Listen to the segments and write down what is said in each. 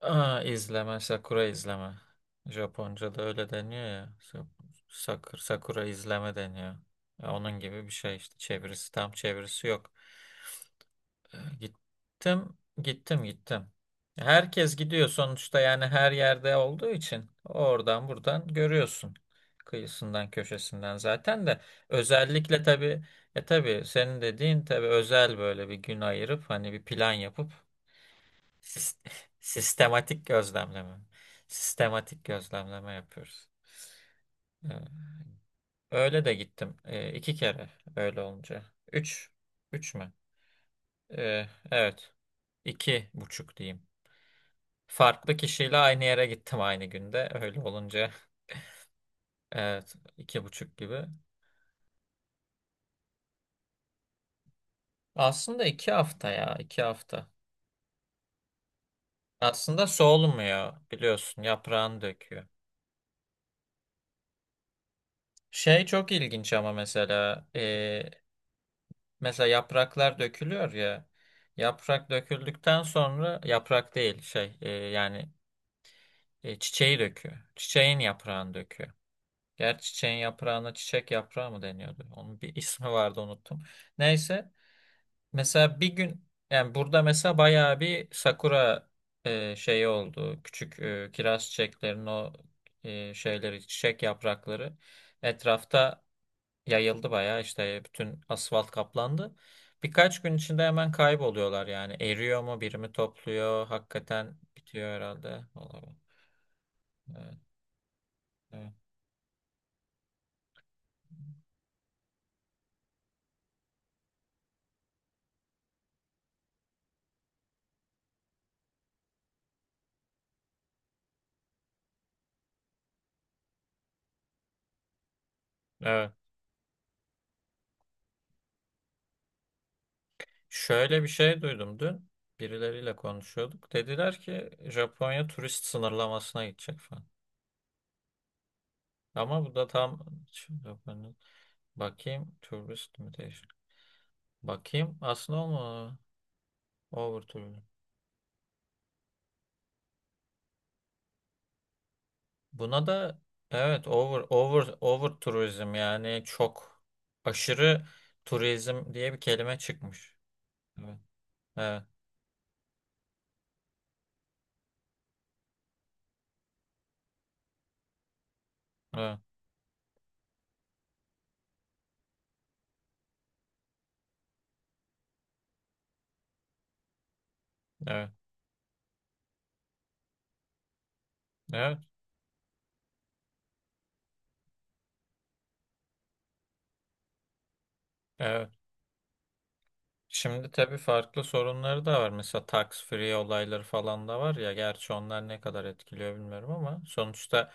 Aa, izleme, sakura izleme. Japonca'da öyle deniyor ya. Sakura, sakura izleme deniyor. Ya onun gibi bir şey işte. Tam çevirisi yok. Gittim, gittim, gittim. Herkes gidiyor sonuçta yani her yerde olduğu için oradan buradan görüyorsun. Kıyısından, köşesinden zaten de özellikle tabii tabii senin dediğin tabii özel böyle bir gün ayırıp hani bir plan yapıp Sis- sistematik gözlemleme. Sistematik gözlemleme yapıyoruz. Ee, Öyle de gittim. İki kere öyle olunca. Üç. Üç mü? Evet. İki buçuk diyeyim. Farklı kişiyle aynı yere gittim aynı günde. Öyle olunca evet iki buçuk gibi. Aslında iki hafta ya iki hafta. Aslında solmuyor biliyorsun yaprağını döküyor. Şey çok ilginç ama mesela yapraklar dökülüyor ya. Yaprak döküldükten sonra yaprak değil yani çiçeği döküyor. Çiçeğin yaprağını döküyor. Gerçi çiçeğin yaprağına çiçek yaprağı mı deniyordu? Onun bir ismi vardı unuttum. Neyse mesela bir gün yani burada mesela bayağı bir sakura şeyi oldu. Küçük kiraz çiçeklerinin o şeyleri çiçek yaprakları etrafta yayıldı bayağı işte bütün asfalt kaplandı. Birkaç gün içinde hemen kayboluyorlar yani. Eriyor mu, biri mi topluyor? Hakikaten bitiyor herhalde. Olabilir. Evet, evet. Evet. Şöyle bir şey duydum dün. Birileriyle konuşuyorduk. Dediler ki Japonya turist sınırlamasına gidecek falan. Ama bu da tam Japonya. Bakayım turist mi? Bakayım aslında o mu? Over tourism. Buna da evet over turizm yani çok aşırı turizm diye bir kelime çıkmış. Evet. Evet. Evet. Evet. Evet. Evet. Şimdi tabii farklı sorunları da var. Mesela tax free olayları falan da var ya. Gerçi onlar ne kadar etkiliyor bilmiyorum ama sonuçta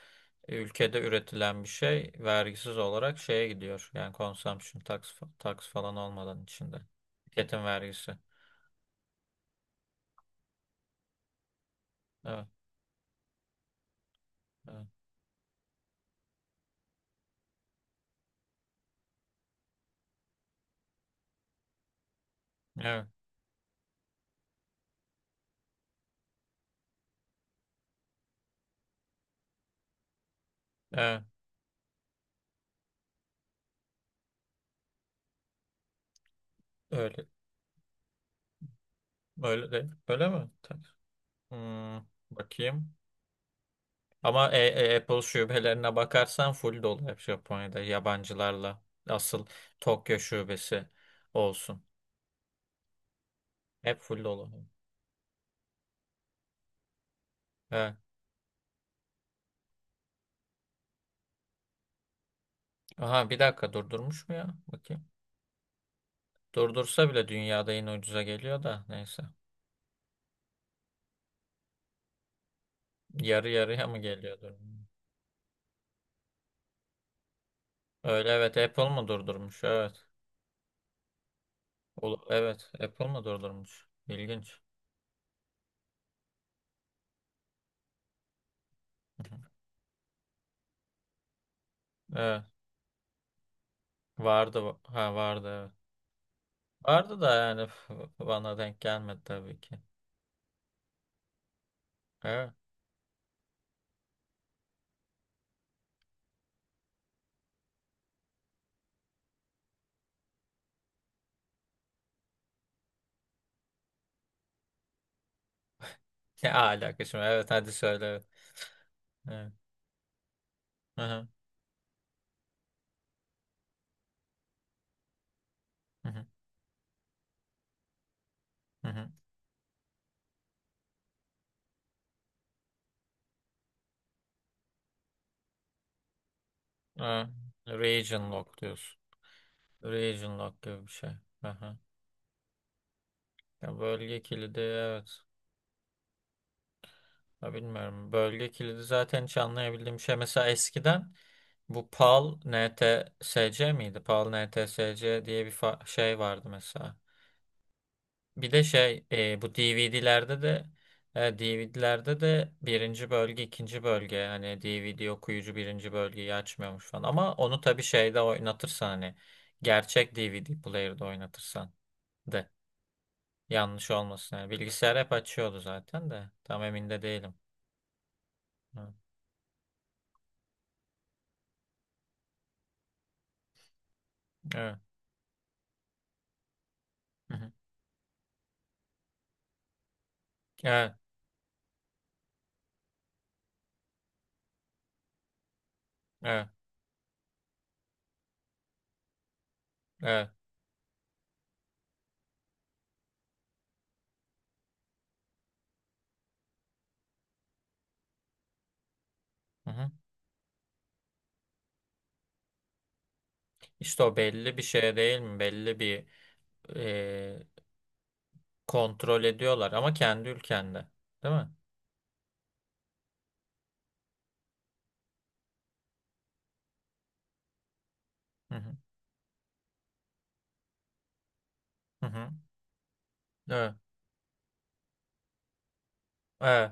ülkede üretilen bir şey vergisiz olarak şeye gidiyor. Yani consumption tax falan olmadan içinde. Tüketim vergisi. Evet. Evet. Evet. Evet. Öyle. Öyle değil. Öyle mi? Tak. Hmm, bakayım. Ama Apple şubelerine bakarsan full dolu hep Japonya'da yabancılarla. Asıl Tokyo şubesi olsun. Hep full dolu. Evet. Aha bir dakika durdurmuş mu ya? Bakayım. Durdursa bile dünyada yine ucuza geliyor da neyse. Yarı yarıya mı geliyordur? Öyle evet Apple mı durdurmuş? Evet. Evet Apple mı durdurmuş? İlginç. Evet. Vardı. Ha vardı evet. Vardı da yani bana denk gelmedi tabii ki. Evet. Ne alakası var? Evet hadi söyle. Evet. Evet. Hı hı. Hı hı. Hı hı. Ha, region lock diyorsun. Region lock gibi bir şey. Hı hı. Ya bölge kilidi evet. Ya bilmiyorum. Bölge kilidi zaten hiç anlayabildiğim şey. Mesela eskiden bu PAL NTSC miydi? PAL NTSC diye bir şey vardı mesela. Bir de bu DVD'lerde de birinci bölge ikinci bölge hani DVD okuyucu birinci bölgeyi açmıyormuş falan ama onu tabii şeyde oynatırsan hani gerçek DVD player'da oynatırsan de yanlış olmasın yani bilgisayar hep açıyordu zaten de tam emin de değilim. Hı. Evet. Hı hı. Evet. Evet. Evet. Hı hı. İşte o belli bir şey değil mi? Belli bir e, kontrol ediyorlar ama kendi ülkende değil mi? Hı hı. Hı hı. Evet. Evet.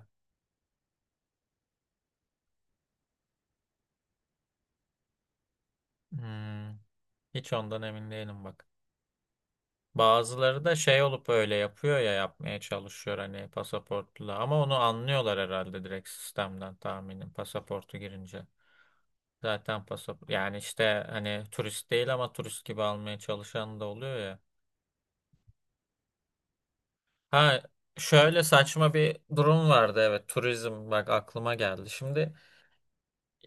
Hmm. Hiç ondan emin değilim bak. Bazıları da şey olup öyle yapıyor ya yapmaya çalışıyor hani pasaportla ama onu anlıyorlar herhalde direkt sistemden tahminim pasaportu girince. Zaten pasaport yani işte hani turist değil ama turist gibi almaya çalışan da oluyor ya. Ha şöyle saçma bir durum vardı evet turizm bak aklıma geldi. Şimdi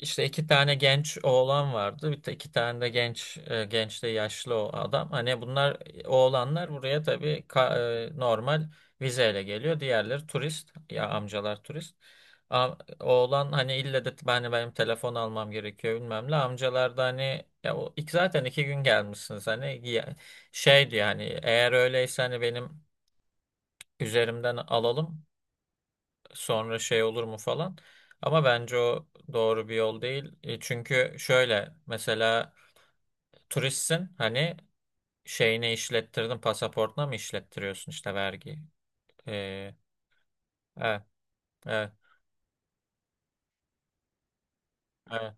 İşte iki tane genç oğlan vardı. Bir de iki tane de genç de yaşlı o adam. Hani bunlar oğlanlar buraya tabii normal vizeyle geliyor. Diğerleri turist. Ya amcalar turist. A- Oğlan hani ille de ben benim telefon almam gerekiyor bilmem ne. Amcalar da hani ya o, iki, zaten iki gün gelmişsiniz hani şey diyor hani eğer öyleyse hani benim üzerimden alalım sonra şey olur mu falan. Ama bence o doğru bir yol değil. E, çünkü şöyle mesela turistsin hani şeyini işlettirdin pasaportuna mı işlettiriyorsun işte vergi. E, evet, evet, evet,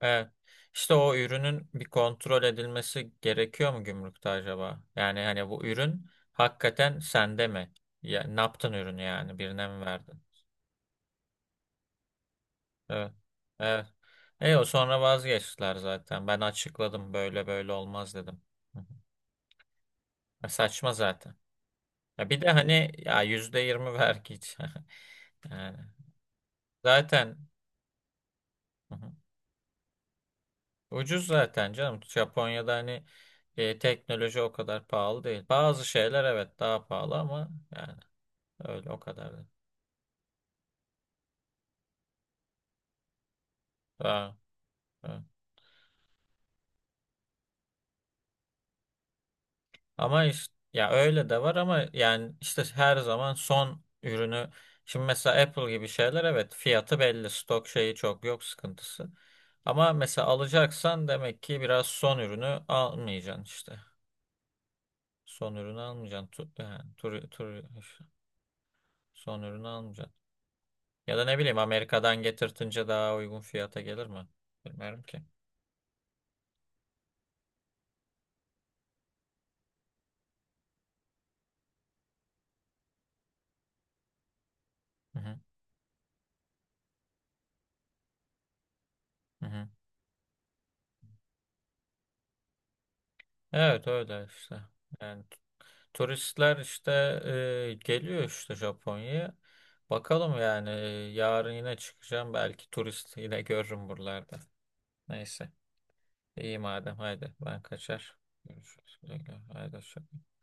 evet. İşte o ürünün bir kontrol edilmesi gerekiyor mu gümrükte acaba? Yani hani bu ürün hakikaten sende mi? Ya, ne yaptın ürünü yani birine mi verdin? Evet. Evet. E o sonra vazgeçtiler zaten. Ben açıkladım böyle böyle olmaz dedim. Hı hı. Ya saçma zaten. Ya bir de hani ya %20 vergi. Yani zaten hı hı. Ucuz zaten canım. Japonya'da hani teknoloji o kadar pahalı değil. Bazı şeyler evet daha pahalı ama yani öyle o kadar değil. Ha, evet. Ama işte ya öyle de var ama yani işte her zaman son ürünü şimdi mesela Apple gibi şeyler evet fiyatı belli stok şeyi çok yok sıkıntısı. Ama mesela alacaksan demek ki biraz son ürünü almayacaksın işte. Son ürünü almayacaksın. Tu, yani, tur, tur, son ürünü almayacaksın. Ya da ne bileyim Amerika'dan getirtince daha uygun fiyata gelir mi? Bilmiyorum ki. Hı hı, hı hı. Evet öyle işte. Yani turistler işte geliyor işte Japonya'ya. Bakalım yani yarın yine çıkacağım. Belki turist yine görürüm buralarda. Neyse. İyi madem haydi ben kaçar. Görüşürüz. Güle güle. Haydi hoşça kal.